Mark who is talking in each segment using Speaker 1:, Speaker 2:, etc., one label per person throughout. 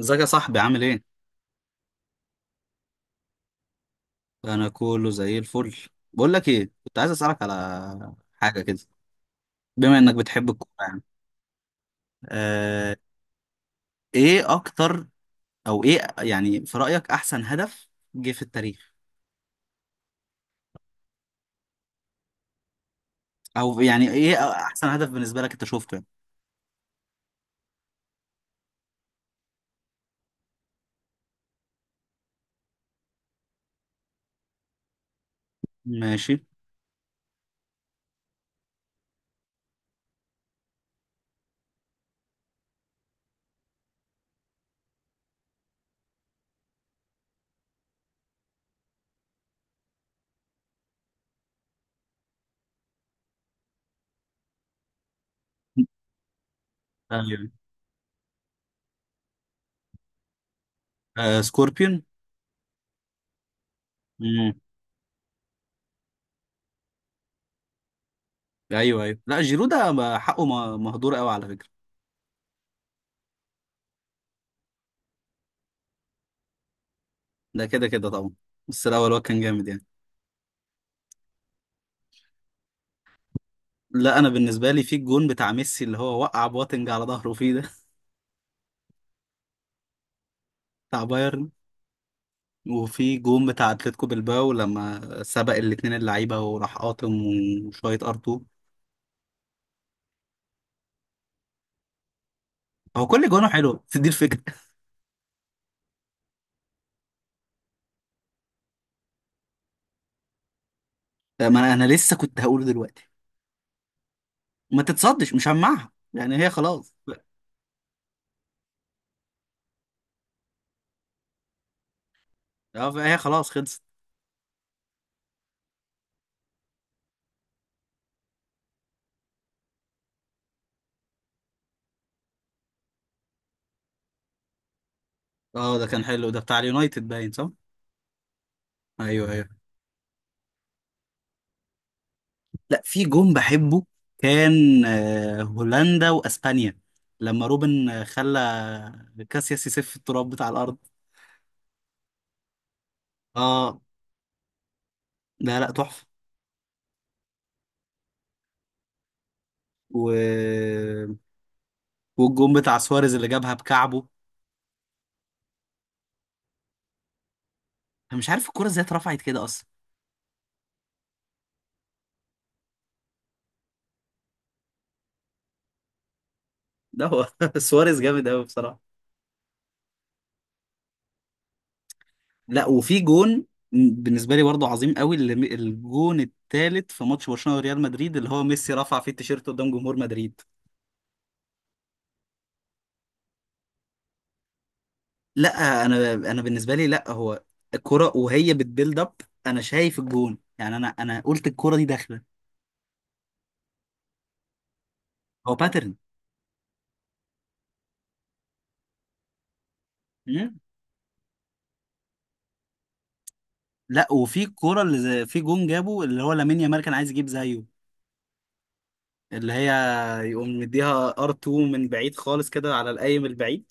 Speaker 1: ازيك يا صاحبي عامل ايه؟ انا كله زي الفل. بقول لك ايه، كنت عايز اسالك على حاجه كده، بما انك بتحب الكوره يعني. آه. ايه اكتر، او ايه يعني في رايك احسن هدف جه في التاريخ؟ او يعني ايه احسن هدف بالنسبه لك انت شفته يعني؟ ماشي. ايوه. آه، سكوربيون. مم. ايوه ايوه، لا جيرو ده حقه مهدور قوي على فكره. ده كده كده طبعا، بس الاول هو كان جامد يعني. لا، انا بالنسبه لي في الجون بتاع ميسي اللي هو وقع بواتنج على ظهره فيه ده. بتاع بايرن. وفي جون بتاع اتلتيكو بالباو لما سبق الاتنين اللعيبه وراح قاطم، وشويه ار2. هو كل جونه حلو، بس دي الفكره. ما انا لسه كنت هقوله دلوقتي، ما تتصدش مش هجمعها يعني، هي خلاص. اه هي خلاص خلصت. اه، ده كان حلو، ده بتاع اليونايتد باين، صح. ايوه ايوه. لا، في جون بحبه كان هولندا واسبانيا لما روبن خلى كاسياس يسف التراب بتاع الارض. اه، لا لا، تحفه. و والجون بتاع سواريز اللي جابها بكعبه. انا مش عارف الكرة ازاي اترفعت كده اصلا. ده هو سواريز جامد قوي بصراحة. لا وفي جون بالنسبة لي برضه عظيم قوي، اللي الجون الثالث في ماتش برشلونة وريال مدريد، اللي هو ميسي رفع فيه التيشيرت قدام جمهور مدريد. لا انا بالنسبة لي، لا هو الكرة وهي بتبيلد اب، انا شايف الجون، يعني انا قلت الكرة دي داخلة. هو باترن. مم. لا وفي الكرة اللي في جون جابه اللي هو لامين يامال كان عايز يجيب زيه، اللي هي يقوم مديها ار2 من بعيد خالص كده على القايم البعيد،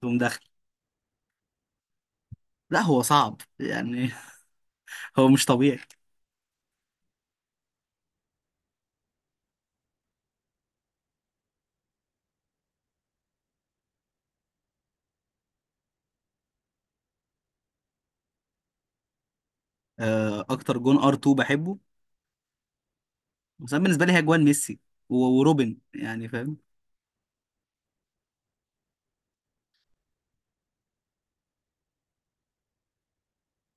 Speaker 1: تقوم داخل. لا هو صعب يعني. هو مش طبيعي. اكتر جون ار2 بحبه مثلا بالنسبه لي هي جوان ميسي وروبن يعني، فاهم؟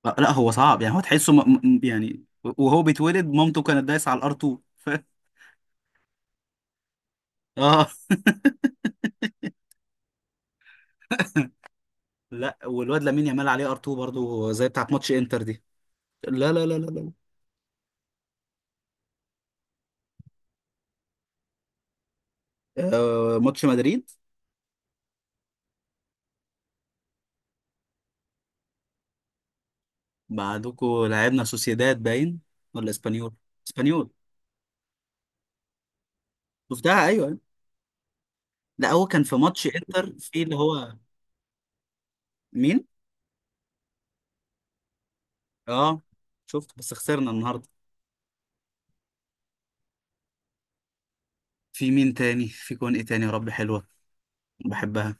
Speaker 1: لا لا، هو صعب يعني، هو تحسه يعني وهو بيتولد مامته كانت دايسه على الار2. اه، لا والواد لامين يامال عليه ار2 برضو زي بتاعت ماتش انتر دي. لا لا لا لا لا. آه، ماتش مدريد. بعدكوا لعبنا سوسيداد باين ولا اسبانيول. اسبانيول. شفتها ايوه. لا هو كان في ماتش انتر، في اللي هو، مين؟ اه، شفت بس خسرنا النهارده. في مين تاني، في جون ايه تاني يا رب حلوه بحبها؟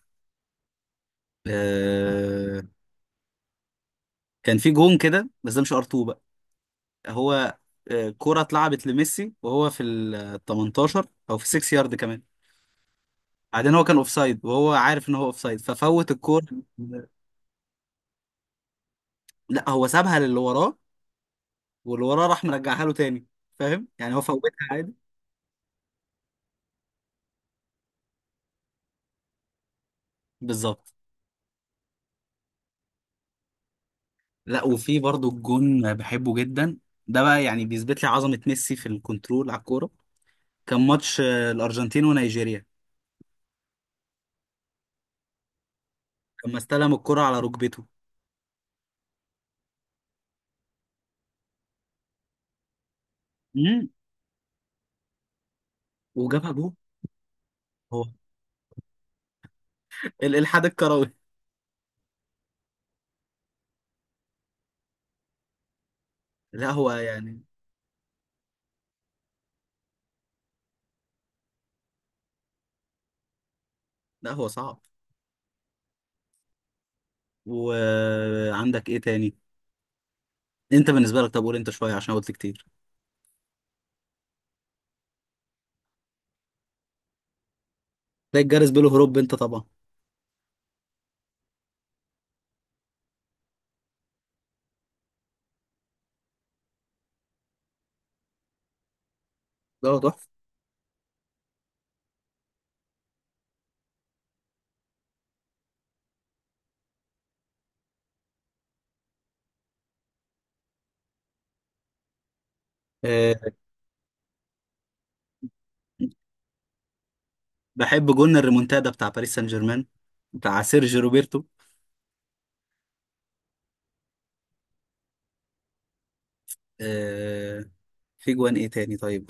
Speaker 1: آه... كان في جون كده بس ده مش ار 2 بقى، هو كرة اتلعبت لميسي وهو في ال 18 او في 6 يارد كمان. بعدين هو كان اوفسايد وهو عارف ان هو اوفسايد، ففوت الكورة. لا هو سابها للي وراه، واللي وراه راح مرجعها له تاني، فاهم، يعني هو فوتها عادي. بالظبط. لا وفي برضو الجون بحبه جدا، ده بقى يعني بيثبت لي عظمة ميسي في الكنترول على الكورة. كان ماتش الأرجنتين ونيجيريا لما استلم الكرة على ركبته. امم. وجابها جول. هو الإلحاد الكروي. لا هو يعني، لا هو صعب. وعندك إيه تاني؟ أنت بالنسبة لك، طب قول أنت شوية عشان قلت كتير. تلاقي الجرس بيلو هروب أنت طبعا. ده هو تحفة. آه، بحب جون الريمونتادا بتاع باريس سان جيرمان بتاع سيرجي روبرتو. آه، في جوان إيه تاني طيب؟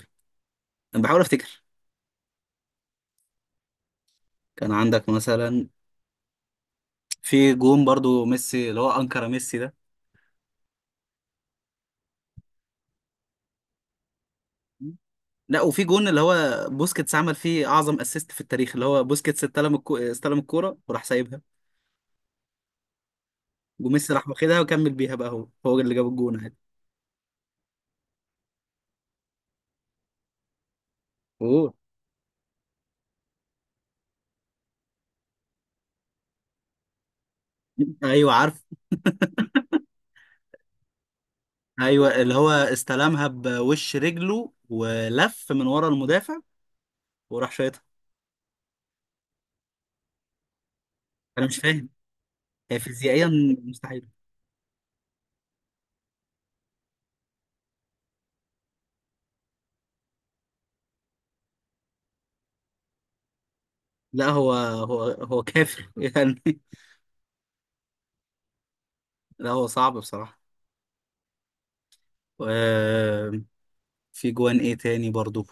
Speaker 1: أنا بحاول أفتكر، كان عندك مثلا في جون برضو ميسي اللي هو انكر ميسي ده. لا وفي جون اللي هو بوسكيتس عمل فيه اعظم اسيست في التاريخ، اللي هو بوسكيتس استلم استلم الكوره وراح سايبها، وميسي راح واخدها وكمل بيها، بقى هو هو اللي جاب الجون عادي. اوه. ايوه عارف. ايوه، اللي هو استلمها بوش رجله ولف من ورا المدافع وراح شايطها. انا مش فاهم، هي فيزيائيا مستحيل. لا هو كافر يعني. لا هو صعب بصراحه. آه، في جوان ايه تاني برضو؟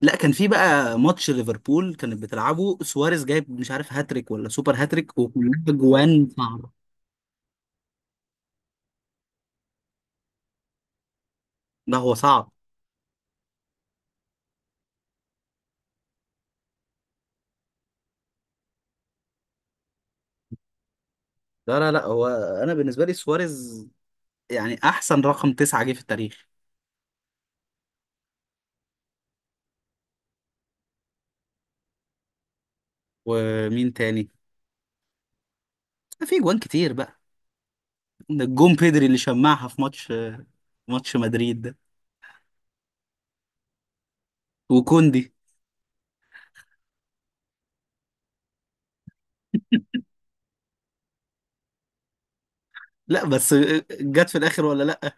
Speaker 1: لا كان في بقى ماتش ليفربول كانت بتلعبه سواريز جايب مش عارف هاتريك ولا سوبر هاتريك وكلها جوان صعبة. لا هو صعب. لا لا لا، هو انا بالنسبة لي سواريز يعني احسن رقم 9 جه في التاريخ. ومين تاني؟ في جوان كتير بقى، ده الجون بيدري اللي شمعها في ماتش مدريد ده، وكوندي. لا بس جت في الاخر، ولا لا.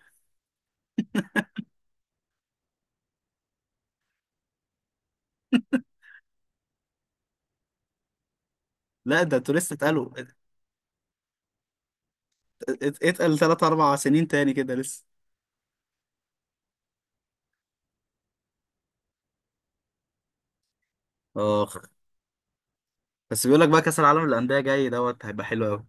Speaker 1: لا، ده انتوا لسه اتقالوا اتقل 3 4 سنين تاني كده لسه. اخ. بس بيقول لك بقى كاس العالم للانديه جاي دوت هيبقى حلو قوي.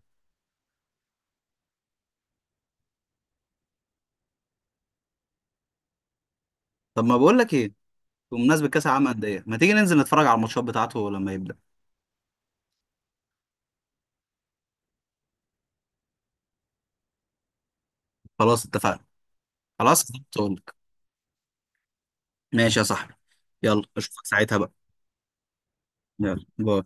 Speaker 1: طب ما بقول لك ايه، بمناسبه كاس العالم للانديه ما تيجي ننزل نتفرج على الماتشات بتاعته لما يبدا. خلاص اتفقنا. خلاص. هقول لك. ماشي يا صاحبي، يلا اشوفك ساعتها بقى. يلا باي.